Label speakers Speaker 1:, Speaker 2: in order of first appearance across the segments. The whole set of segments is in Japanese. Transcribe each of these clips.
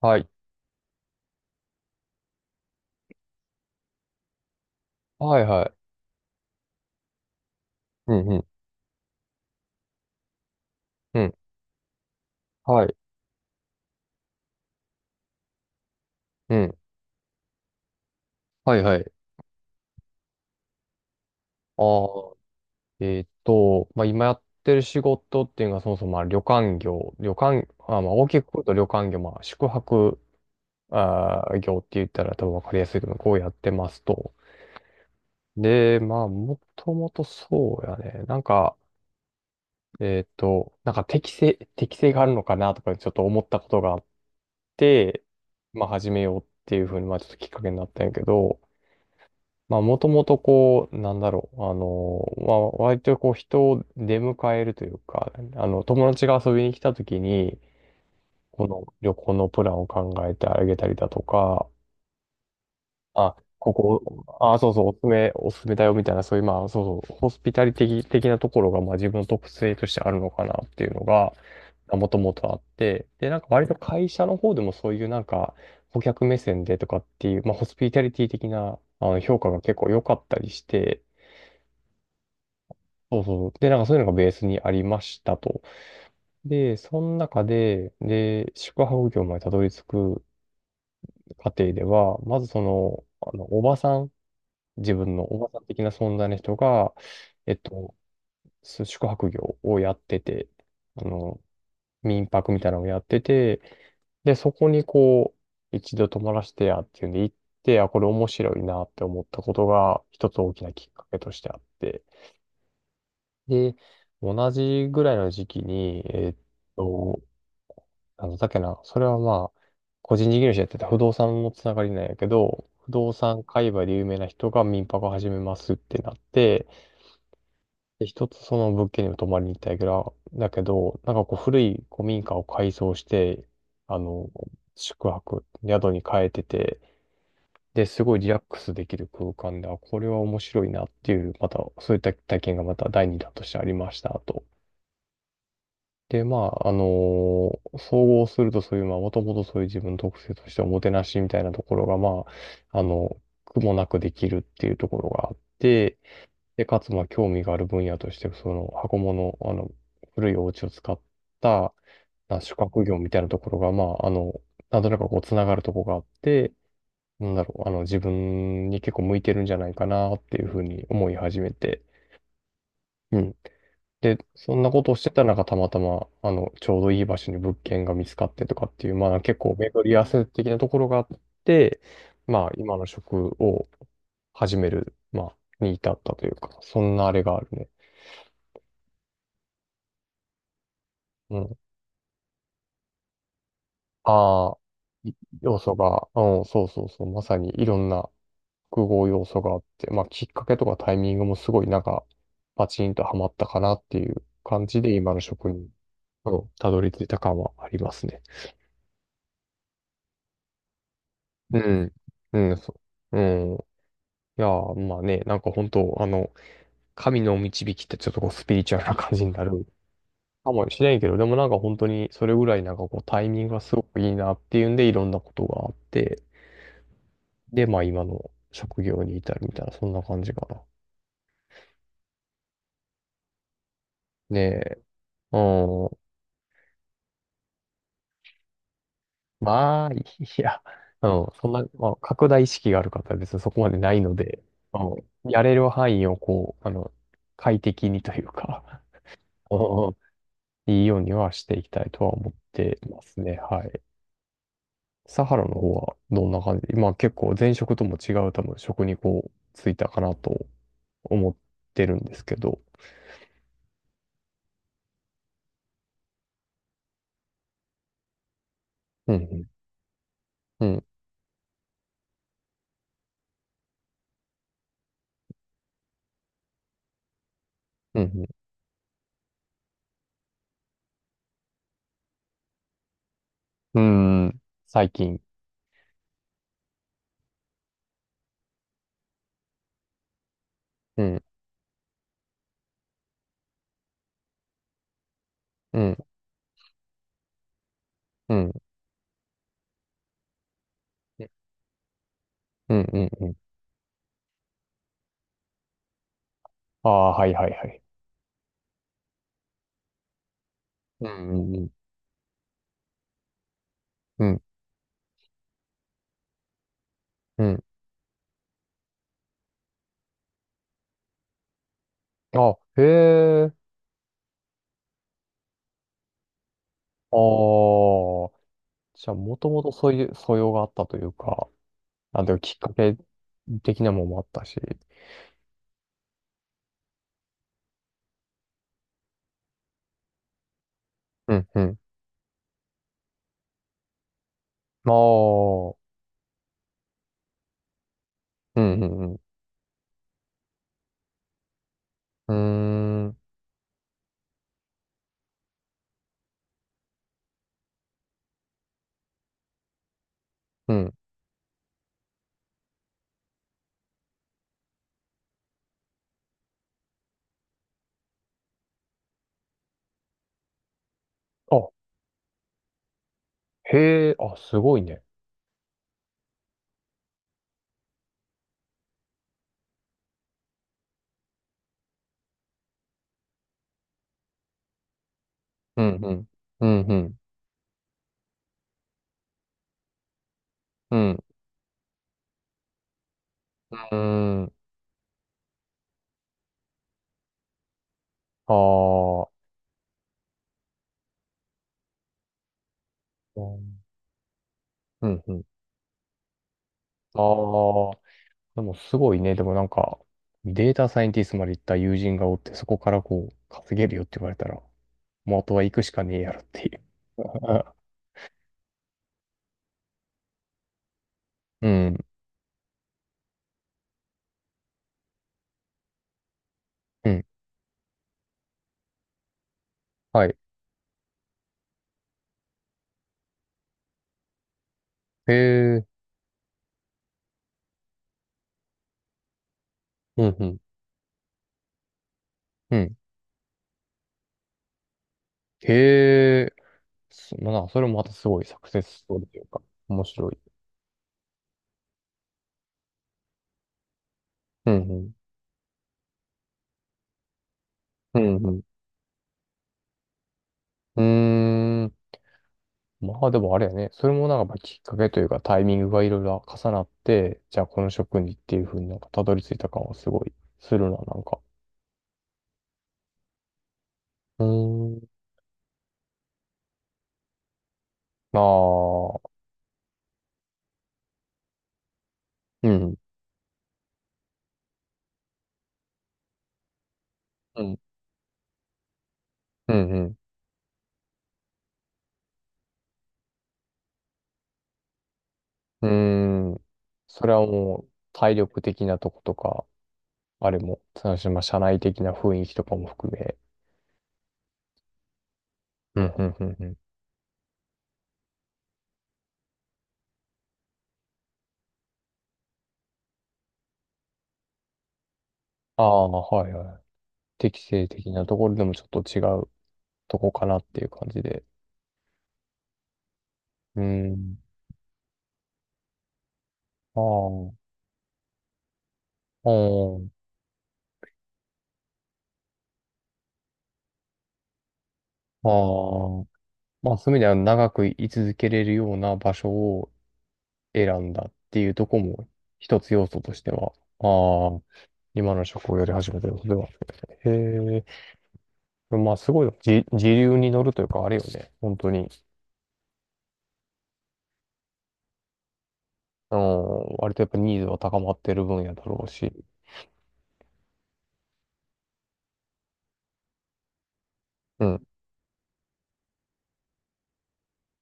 Speaker 1: はい。はいはい。うんうん。うん。はい。うん。はいはい。あー。まあ、今やってる仕事っていうのがそもそもまあ旅館業、旅館、あ、まあ、大きく言うと旅館業、まあ、宿泊、あー、業って言ったら多分わかりやすいけど、こうやってますと。で、まあ、もともとそうやね。なんか、なんか適性があるのかなとかちょっと思ったことがあって、まあ、始めようっていうふうに、まあ、ちょっときっかけになったんやけど、まあ、もともとこう、なんだろう、まあ、割とこう、人を出迎えるというか、あの、友達が遊びに来た時に、この旅行のプランを考えてあげたりだとか、あ、ここ、あ、そうそう、おすすめ、おすすめだよみたいな、そういう、まあ、そうそう、ホスピタリティ的なところが、まあ、自分の特性としてあるのかなっていうのが、もともとあって、で、なんか割と会社の方でもそういうなんか、顧客目線でとかっていう、まあ、ホスピタリティ的な評価が結構良かったりして、そうそうそう。で、なんかそういうのがベースにありましたと。で、その中で、で、宿泊業までたどり着く過程では、まずその、あの、おばさん、自分のおばさん的な存在の人が、えっと、宿泊業をやってて、あの、民泊みたいなのをやってて、で、そこにこう、一度泊まらせてやっていうんで行って、あ、これ面白いなって思ったことが、一つ大きなきっかけとしてあって、で、同じぐらいの時期に、と、あの、だっけな、それはまあ、個人事業主やってて不動産のつながりなんやけど、不動産界隈で有名な人が民泊を始めますってなって、で、一つその物件にも泊まりに行ったんやけど、だけど、なんかこう古い古民家を改装して、あの、宿泊、宿に変えてて、で、すごいリラックスできる空間で、あ、これは面白いなっていう、また、そういった体験がまた第二弾としてありましたと。で、まあ、あの総合するとそういう、まあ、もともとそういう自分の特性としておもてなしみたいなところが、まあ、あの、苦もなくできるっていうところがあって、で、かつ、まあ、興味がある分野として、その、箱物、あの、古いお家を使った、まあ、宿泊業みたいなところが、まあ、あの、なんとなくこう、つながるところがあって、なんだろう、あの、自分に結構向いてるんじゃないかなっていうふうに思い始めて、うん。で、そんなことをしてたらなんかたまたま、あの、ちょうどいい場所に物件が見つかってとかっていう、まあ結構巡り合わせ的なところがあって、まあ今の職を始める、まあ、に至ったというか、そんなあれがあるね。うん。ああ、い要素が、うん、そうそうそう、まさにいろんな複合要素があって、まあきっかけとかタイミングもすごいなんか、パチンとハマったかなっていう感じで、今の職に、うん、たどり着いた感はありますね。うん。うん、そう。うん。いやー、まあね、なんか本当、あの、神の導きってちょっとこうスピリチュアルな感じになるかもしれんけど、でもなんか本当にそれぐらいなんかこうタイミングがすごくいいなっていうんで、いろんなことがあって、で、まあ今の職業に至るみたいな、そんな感じかな。ねえ、うん。まあ、いや、うん。そんな、まあ、拡大意識がある方は別にそこまでないので、うん。やれる範囲をこう、あの、快適にというか、うん。いいようにはしていきたいとは思ってますね。はい。サハラの方はどんな感じでまあ結構前職とも違う多分職にこうついたかなと思ってるんですけど。うん、うん、うん、うん、うん、最近。うん、うん、うん、うん、うん、うんうんうんうんうん、最近、うんうんうんうんうんうん。ああ、はいはいはい。うん、うん、うん、うん。うん。あ、へえ。ああ。じゃあもともとそういう素養があったというか、あ、でもきっかけ的なものもあったし。うん、うん。ああ、うんうんうん。うーん、うん。あ、へえ、あ、すごいね。うん、うん、うん、うん、うん、うん。ああ、うん、うん。うん。ああ、でもすごいね。でもなんか、データサイエンティストまで行った友人がおって、そこからこう、稼げるよって言われたら、もうあとは行くしかねえやろっていう。うん、うん。はい。へえ、うん、うん、うん。へえ、そまあ、それもまたすごいサクセスストーリーというか、面白い。うん、うん、うん、うん。うーん。まあでもあれやね。それもなんかまあきっかけというかタイミングがいろいろ重なって、じゃあこの職にっていうふうになんかたどり着いた感はすごいするな、なんか。うーん。ああ、うん、うん、うん、うん。うーん。それはもう体力的なとことか、あれも、そのまあ社内的な雰囲気とかも含め。うん、うん、うん、うん。ああ、はいはい。適性的なところでもちょっと違うとこかなっていう感じで。うん。ああ、ああ、ああ。まあ、そういう意味では長く居続けれるような場所を選んだっていうとこも一つ要素としては、ああ、今の職をやり始めたよ、それは。へえ、まあ、すごい、時流に乗るというか、あれよね。本当に、うん、割とやっぱニーズは高まってる分野だろうし。うん、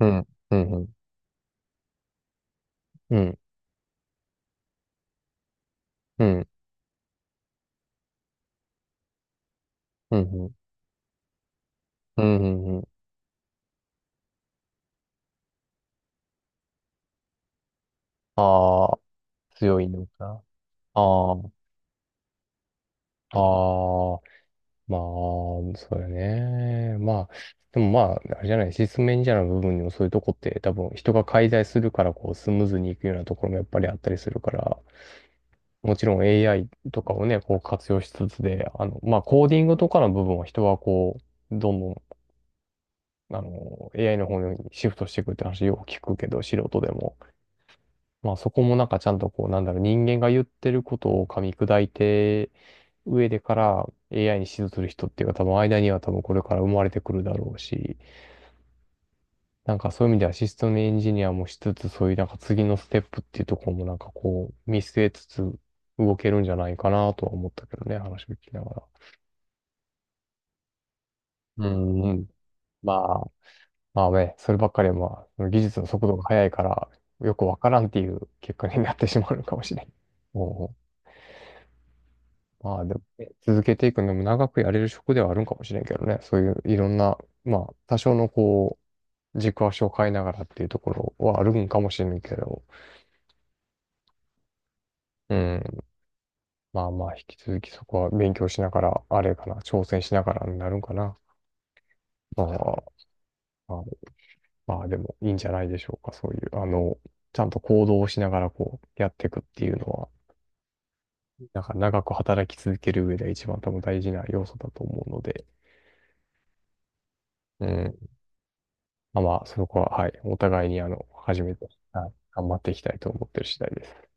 Speaker 1: うん、うん、うん、うん、うん、うん、うん、うん、ああー、強いのかな。ああ、ああ。まあ、そうだね。まあ、でもまあ、あれじゃない、シスメンジャーの部分にもそういうとこって多分人が介在するからこうスムーズにいくようなところもやっぱりあったりするから、もちろん AI とかをね、こう活用しつつで、あの、まあ、コーディングとかの部分は人はこう、どんどん、あの、AI の方にシフトしていくって話よく聞くけど、素人でも。まあそこもなんかちゃんとこう、なんだろう、人間が言ってることを噛み砕いて、上でから AI に指導する人っていうか多分間には多分これから生まれてくるだろうし、なんかそういう意味ではシステムエンジニアもしつつ、そういうなんか次のステップっていうところもなんかこう、見据えつつ動けるんじゃないかなとは思ったけどね、話を聞きながら。うん、うん。まあ、まあね、そればっかりはまあ、その技術の速度が速いから、よくわからんっていう結果になってしまうのかもしれん。おう。まあでもね、続けていくのも長くやれる職ではあるんかもしれんけどね。そういういろんな、まあ多少のこう、軸足を変えながらっていうところはあるんかもしれんけど、うん。まあまあ引き続きそこは勉強しながら、あれかな、挑戦しながらになるんかな。まあ、まあ、まあでもいいんじゃないでしょうか。そういう、あの、ちゃんと行動をしながらこうやっていくっていうのは、なんか長く働き続ける上で一番多分大事な要素だと思うので、うん。あ、まあ、そこは、はい、お互いに、あの、初めて、はい、頑張っていきたいと思ってる次第です。